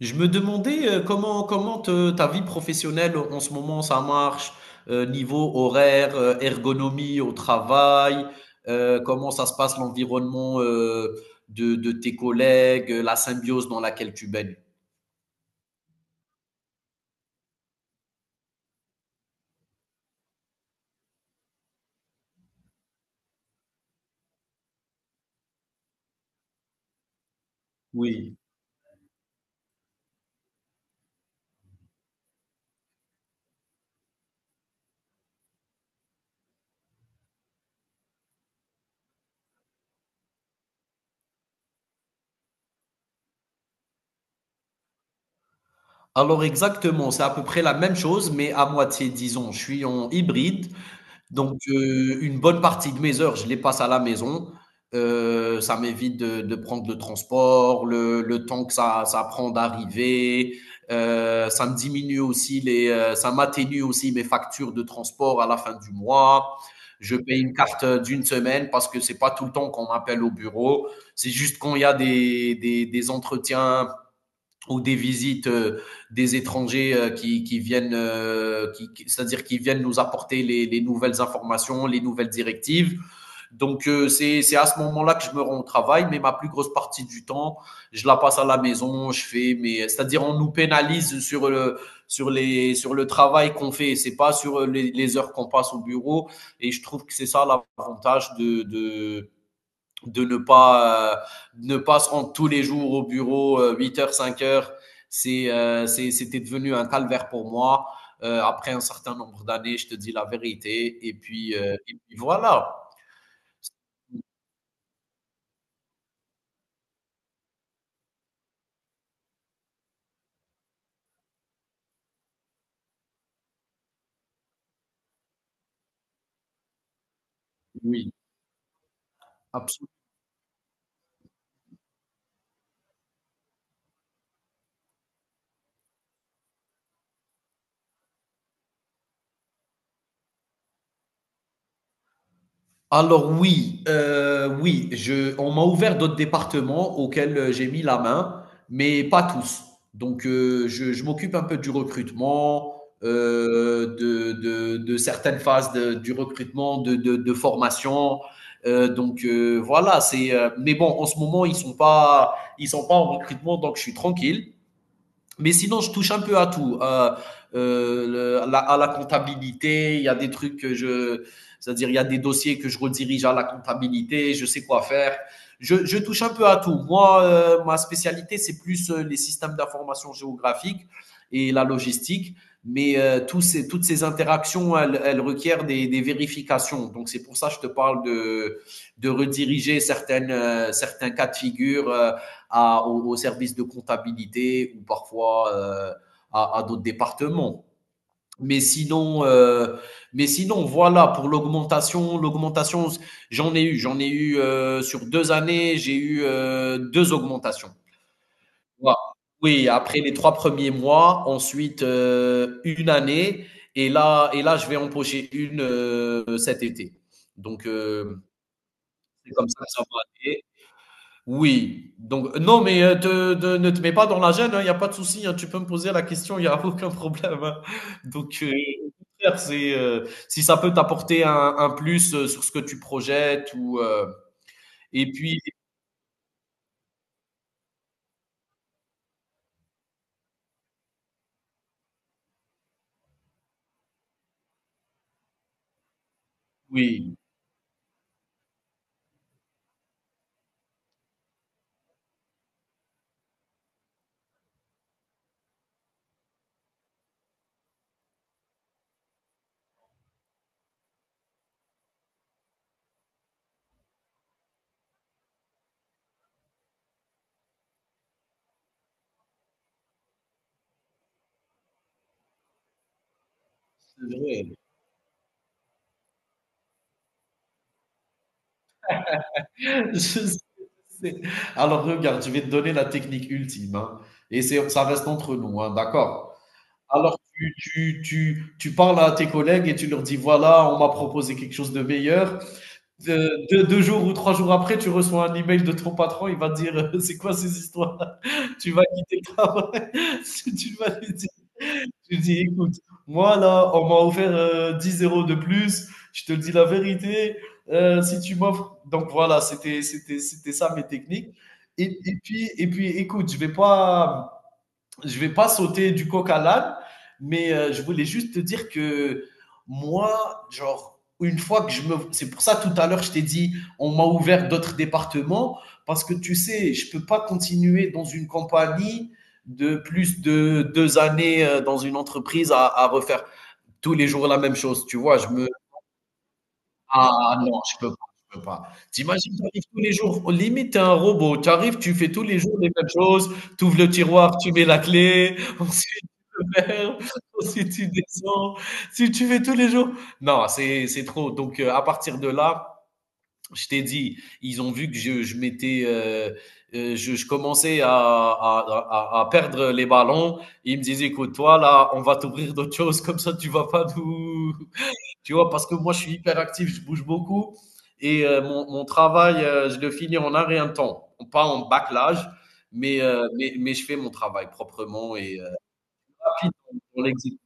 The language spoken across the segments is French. Je me demandais comment ta vie professionnelle en ce moment ça marche, niveau horaire, ergonomie au travail, comment ça se passe l'environnement, de tes collègues, la symbiose dans laquelle tu baignes. Oui. Alors exactement, c'est à peu près la même chose, mais à moitié, disons. Je suis en hybride. Donc, une bonne partie de mes heures, je les passe à la maison. Ça m'évite de prendre le transport, le temps que ça prend d'arriver. Ça me diminue aussi les, ça m'atténue aussi mes factures de transport à la fin du mois. Je paye une carte, d'une semaine parce que c'est pas tout le temps qu'on m'appelle au bureau. C'est juste quand il y a des entretiens ou des visites, des étrangers, qui viennent, c'est-à-dire qui viennent nous apporter les nouvelles informations, les nouvelles directives. Donc, c'est à ce moment-là que je me rends au travail, mais ma plus grosse partie du temps, je la passe à la maison. Je fais, mais c'est-à-dire on nous pénalise sur le travail qu'on fait. C'est pas sur les heures qu'on passe au bureau. Et je trouve que c'est ça l'avantage de ne pas, ne pas se rendre tous les jours au bureau, 8 h 5 heures. C'était devenu un calvaire pour moi. Après un certain nombre d'années, je te dis la vérité. Et puis voilà. Oui, absolument. Alors, oui, on m'a ouvert d'autres départements auxquels, j'ai mis la main, mais pas tous. Donc, je m'occupe un peu du recrutement, de certaines phases du recrutement, de formation. Donc, voilà. c'est. Mais bon, en ce moment ils sont pas en recrutement, donc je suis tranquille. Mais sinon, je touche un peu à tout. À la comptabilité, il y a des trucs c'est-à-dire il y a des dossiers que je redirige à la comptabilité, je sais quoi faire. Je touche un peu à tout. Moi, ma spécialité, c'est plus, les systèmes d'information géographique et la logistique. Mais toutes ces interactions, elles requièrent des vérifications. Donc c'est pour ça que je te parle de rediriger certains cas de figure, au service de comptabilité ou parfois, à d'autres départements. Mais sinon, euh, mais sinon, voilà pour l'augmentation. L'augmentation, j'en ai eu, sur 2 années, j'ai eu, deux augmentations. Voilà. Oui, après les trois premiers mois, ensuite, une année, et là, je vais empocher une, cet été. Donc, c'est comme ça que ça va aller. Oui, donc non, mais ne te mets pas dans la gêne, il n'y a pas de souci, hein, tu peux me poser la question, il n'y a aucun problème, hein. Donc, au contraire, si ça peut t'apporter un plus, sur ce que tu projettes, ou, et puis, oui, c'est vrai. Je sais. Alors, regarde, je vais te donner la technique ultime, hein. Et ça reste entre nous, hein, d'accord? Alors, tu parles à tes collègues et tu leur dis, voilà, on m'a proposé quelque chose de meilleur. De deux deux jours ou 3 jours après, tu reçois un email de ton patron, il va te dire, «C'est quoi ces histoires? Tu vas quitter le travail?» tu vas lui dire Tu lui dis: «Écoute, moi là, on m'a offert, 10 € de plus, je te le dis la vérité. Si tu m'offres...» Donc voilà, c'était ça mes techniques. Et puis, écoute, je ne vais pas sauter du coq à l'âne, mais je voulais juste te dire que moi, genre, une fois que je me... C'est pour ça, tout à l'heure, je t'ai dit, on m'a ouvert d'autres départements, parce que tu sais, je ne peux pas continuer dans une compagnie de plus de 2 années, dans une entreprise à, refaire tous les jours la même chose. Tu vois, je me... Ah non, je peux pas, je peux pas. Tu tu arrives tous les jours, limite tu un robot. Tu arrives, tu fais tous les jours les mêmes choses, tu ouvres le tiroir, tu mets la clé, ensuite tu le verre, ensuite tu descends. Si tu fais tous les jours... Non, c'est trop. Donc, à partir de là, je t'ai dit, ils ont vu que je m'étais, je commençais à perdre les ballons. Ils me disaient: «Écoute, toi là, on va t'ouvrir d'autres choses comme ça tu vas pas nous...» Tu vois, parce que moi, je suis hyper actif, je bouge beaucoup. Et mon travail, je le finis en un rien de temps. Pas en bâclage, mais je fais mon travail proprement et, rapide dans l'exécution.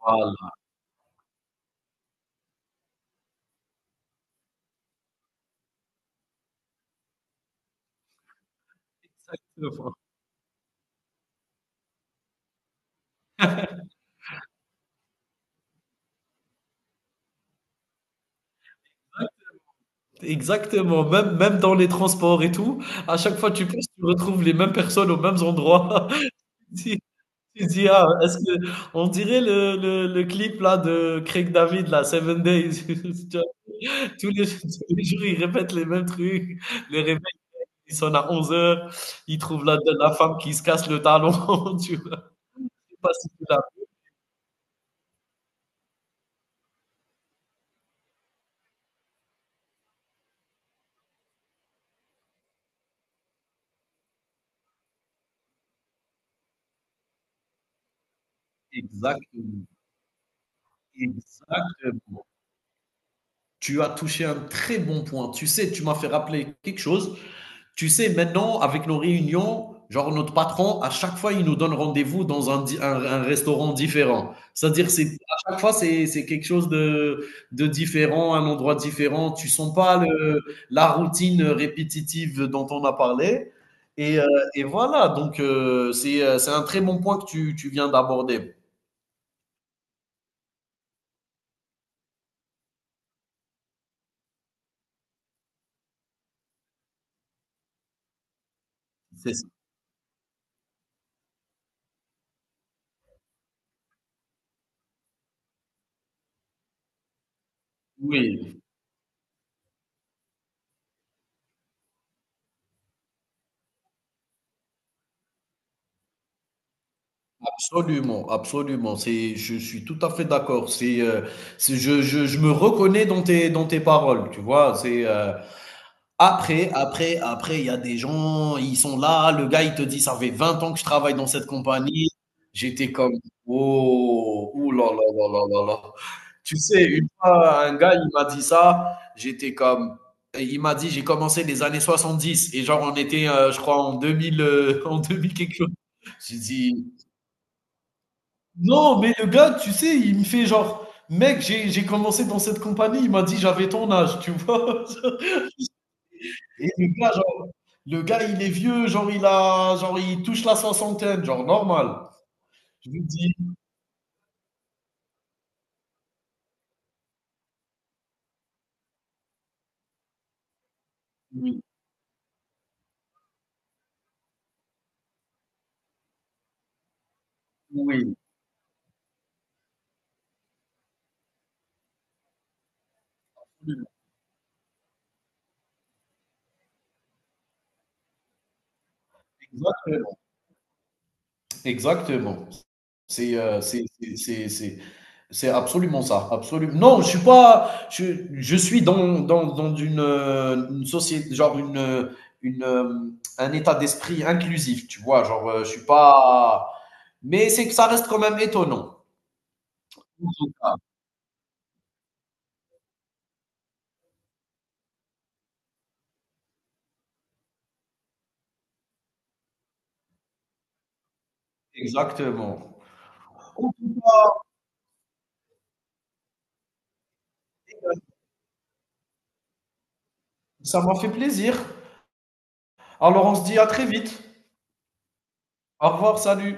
Voilà. Exactement, même, même dans les transports et tout, à chaque fois que tu passes, tu retrouves les mêmes personnes aux mêmes endroits. Tu tu dis, ah, est-ce que, on dirait le clip là de Craig David, là, Seven Days. Tu vois. Tous les jours, ils répètent les mêmes trucs. Les Il sonne à 11 heures, il trouve la femme qui se casse le talon, tu vois. C'est pas si... Exactement. Exactement. Tu as touché un très bon point. Tu sais, tu m'as fait rappeler quelque chose. Tu sais, maintenant, avec nos réunions, genre notre patron, à chaque fois, il nous donne rendez-vous dans un restaurant différent. C'est-à-dire, à chaque fois, c'est quelque chose de différent, un endroit différent. Tu sens pas la routine répétitive dont on a parlé. Et, euh, et voilà. C'est un très bon point que tu viens d'aborder. C'est... oui. Absolument, absolument. Je suis tout à fait d'accord. Je me reconnais dans tes paroles, tu vois. Après, après, après, il y a des gens, ils sont là. Le gars, il te dit, ça fait 20 ans que je travaille dans cette compagnie. J'étais comme: «Oh, ouh là là là là là là.» Tu sais, une fois, un gars, il m'a dit ça. J'étais comme, il m'a dit, j'ai commencé les années 70 et genre, on était, je crois, en 2000, en 2000 quelque chose. J'ai dit, non, mais le gars, tu sais, il me fait genre: «Mec, j'ai commencé dans cette compagnie.» Il m'a dit: «J'avais ton âge», tu vois? Et le gars, genre, le gars, il est vieux, genre il a, genre il touche la soixantaine, genre normal. Je lui dis oui, oui, exactement, exactement. C'est, heu, c'est c'est c'est c'est c'est absolument ça. Absolu Non, je suis pas... Je je suis dans une sociét genre une, un état d'esprit inclusif, tu vois? Genre, je suis pas... Mais c'est que ça reste quand même étonnant. Ah, exactement. OK, ça m'a fait plaisir. Alors on se dit à très vite. Au revoir, salut.